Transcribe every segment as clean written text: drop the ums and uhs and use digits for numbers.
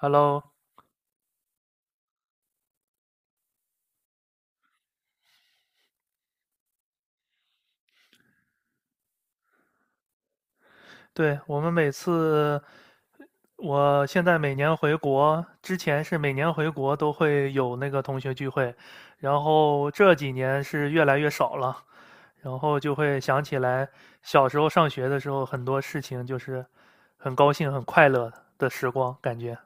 Hello，对，我现在每年回国，之前是每年回国都会有那个同学聚会，然后这几年是越来越少了，然后就会想起来小时候上学的时候，很多事情就是很高兴、很快乐的时光，感觉。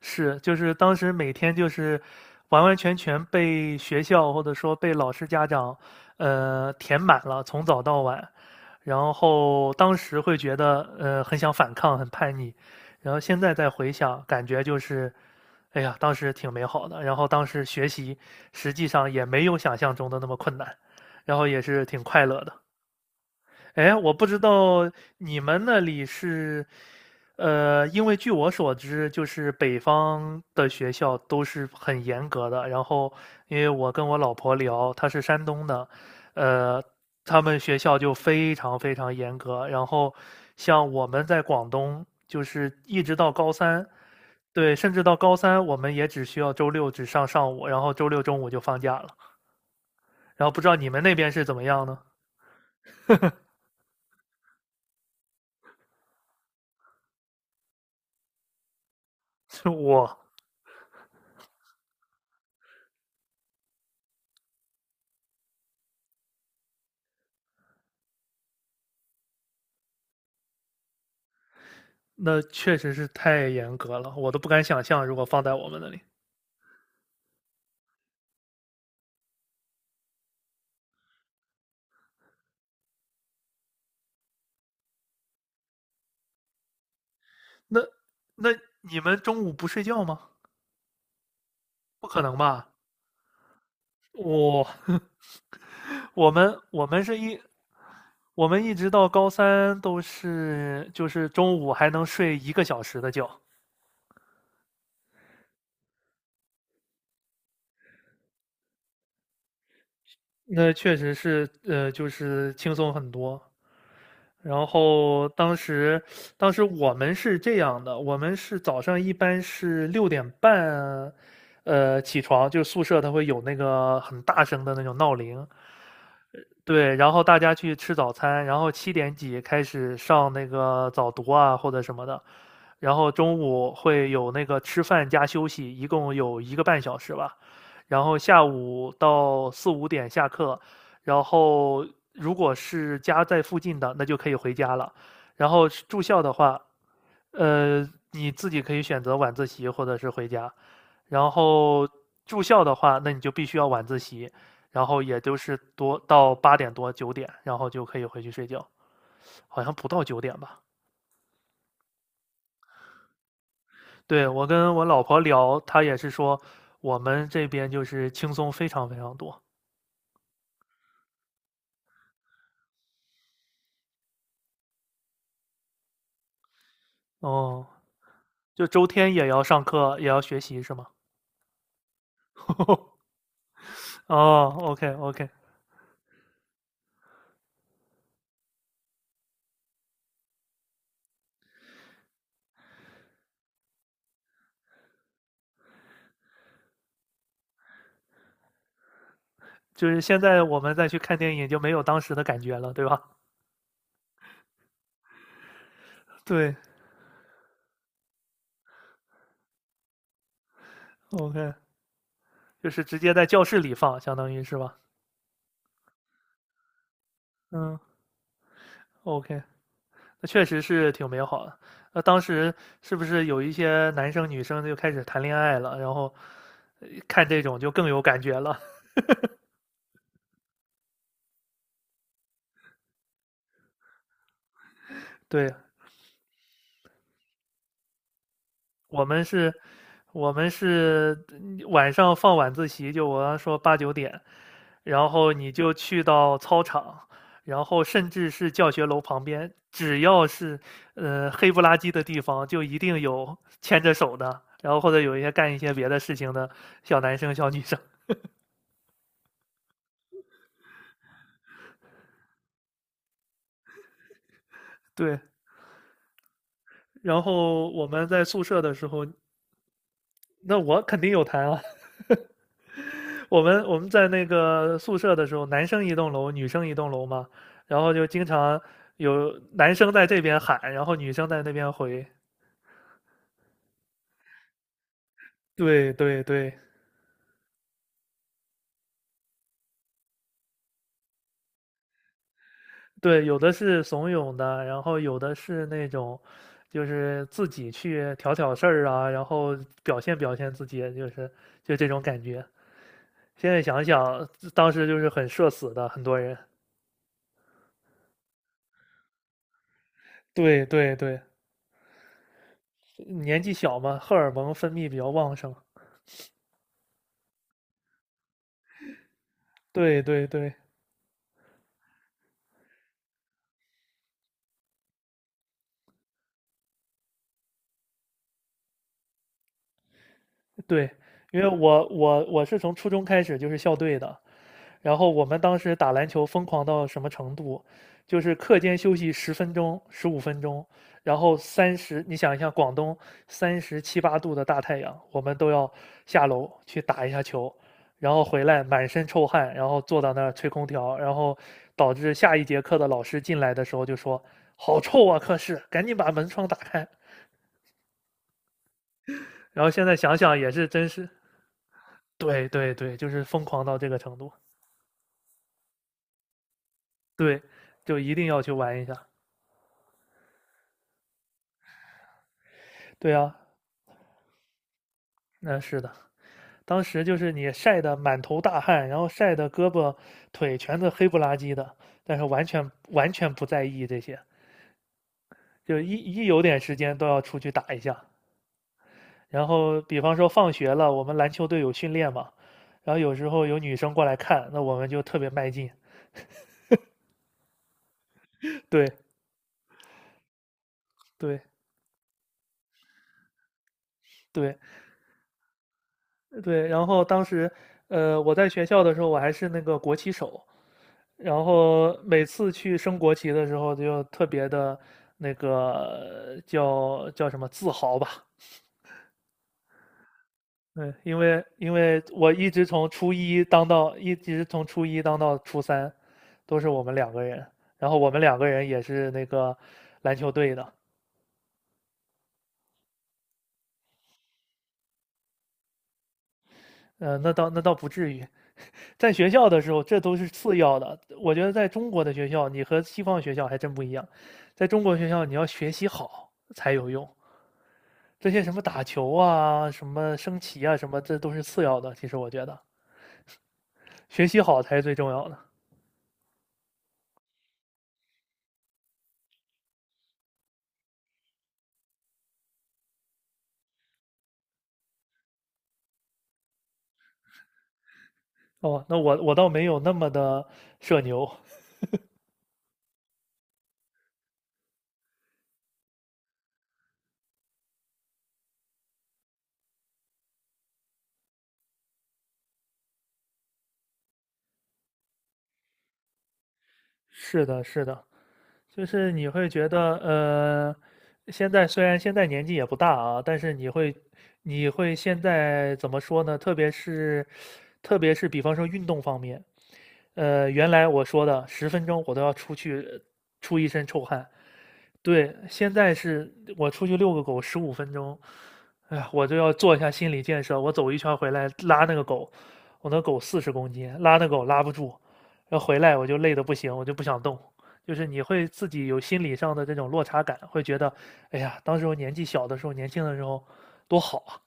是，就是当时每天就是完完全全被学校或者说被老师、家长，填满了，从早到晚。然后当时会觉得，很想反抗，很叛逆。然后现在再回想，感觉就是，哎呀，当时挺美好的。然后当时学习实际上也没有想象中的那么困难，然后也是挺快乐的。哎，我不知道你们那里是，因为据我所知，就是北方的学校都是很严格的。然后，因为我跟我老婆聊，她是山东的，呃，他们学校就非常非常严格。然后，像我们在广东，就是一直到高三，对，甚至到高三，我们也只需要周六只上上午，然后周六中午就放假了。然后不知道你们那边是怎么样呢？是我。那确实是太严格了，我都不敢想象，如果放在我们那里，那那你们中午不睡觉吗？不可能吧？我 我们我们是一我们一直到高三都是就是中午还能睡一个小时的觉，那确实是就是轻松很多。然后当时我们是这样的，我们是早上一般是6点半，起床，就是宿舍它会有那个很大声的那种闹铃，对，然后大家去吃早餐，然后七点几开始上那个早读啊或者什么的，然后中午会有那个吃饭加休息，一共有1个半小时吧。然后下午到四五点下课，然后如果是家在附近的，那就可以回家了。然后住校的话，呃，你自己可以选择晚自习或者是回家。然后住校的话，那你就必须要晚自习。然后也就是多到八点多九点，然后就可以回去睡觉，好像不到九点吧。对，我跟我老婆聊，她也是说我们这边就是轻松非常非常多。哦，就周天也要上课，也要学习是吗？哦，OK OK。就是现在我们再去看电影就没有当时的感觉了，对吧？对，OK，就是直接在教室里放，相当于是吧？嗯，OK。那确实是挺美好的。那当时是不是有一些男生女生就开始谈恋爱了？然后看这种就更有感觉了。对，我们是，晚上放晚自习，就我刚说八九点，然后你就去到操场，然后甚至是教学楼旁边，只要是黑不拉几的地方，就一定有牵着手的，然后或者有一些干一些别的事情的小男生小女生。对，然后我们在宿舍的时候，那我肯定有谈啊。我们在那个宿舍的时候，男生一栋楼，女生一栋楼嘛，然后就经常有男生在这边喊，然后女生在那边回。对对对对，有的是怂恿的，然后有的是那种，就是自己去挑挑事儿啊，然后表现表现自己，就是就这种感觉。现在想想，当时就是很社死的，很多人。对对对，年纪小嘛，荷尔蒙分泌比较旺盛。对对对，对，因为我是从初中开始就是校队的，然后我们当时打篮球疯狂到什么程度，就是课间休息10分钟、15分钟，然后你想一下，广东三十七八度的大太阳，我们都要下楼去打一下球，然后回来满身臭汗，然后坐到那儿吹空调，然后导致下一节课的老师进来的时候就说："好臭啊，课室，赶紧把门窗打开。"然后现在想想也是，真是对对对，就是疯狂到这个程度，对，就一定要去玩一下。对啊，那是的，当时就是你晒得满头大汗，然后晒得胳膊腿全是黑不拉几的，但是完全完全不在意这些，就一有点时间都要出去打一下。然后，比方说放学了，我们篮球队有训练嘛，然后有时候有女生过来看，那我们就特别卖劲。对对对对，然后当时，我在学校的时候，我还是那个国旗手，然后每次去升国旗的时候，就特别的那个叫叫什么自豪吧。嗯，因为我一直从初一当到初三，都是我们两个人。然后我们两个人也是那个篮球队的。那倒不至于。在学校的时候，这都是次要的。我觉得在中国的学校，你和西方学校还真不一样。在中国学校，你要学习好才有用。这些什么打球啊、什么升旗啊、什么，这都是次要的。其实我觉得，学习好才是最重要的。哦，那我倒没有那么的社牛。是的，是的，就是你会觉得，现在虽然现在年纪也不大啊，但是你会，你会现在怎么说呢？特别是比方说运动方面，原来我说的十分钟我都要出去出一身臭汗，对，现在是我出去遛个狗十五分钟，哎呀，我就要做一下心理建设。我走一圈回来拉那个狗，我那狗40公斤，拉那狗拉不住，要回来我就累得不行，我就不想动。就是你会自己有心理上的这种落差感，会觉得，哎呀，当时我年纪小的时候，年轻的时候多好啊，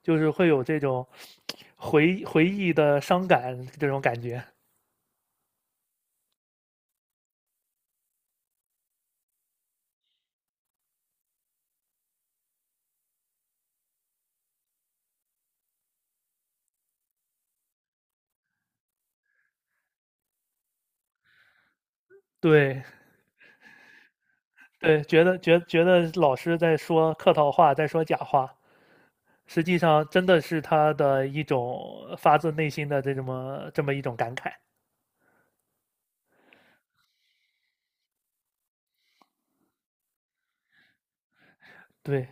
就是会有这种回忆的伤感这种感觉。对，对，觉得老师在说客套话，在说假话，实际上真的是他的一种发自内心的这么一种感慨。对，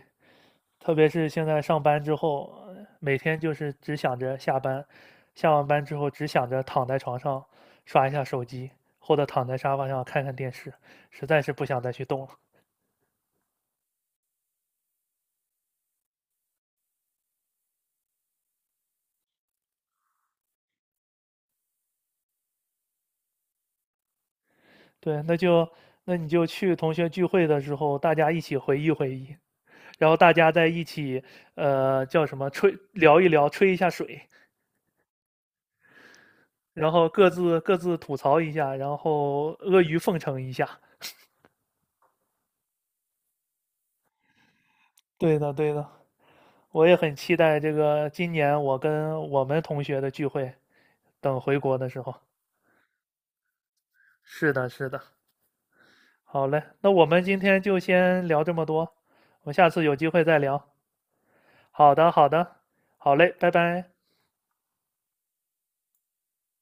特别是现在上班之后，每天就是只想着下班，下完班之后只想着躺在床上刷一下手机，或者躺在沙发上看看电视，实在是不想再去动了。对，那你就去同学聚会的时候，大家一起回忆回忆。然后大家在一起，叫什么吹聊一聊，吹一下水，然后各自吐槽一下，然后阿谀奉承一下。对的，对的，我也很期待这个今年我跟我们同学的聚会，等回国的时候。是的，是的。好嘞，那我们今天就先聊这么多，我们下次有机会再聊。好的，好的，好嘞，拜拜。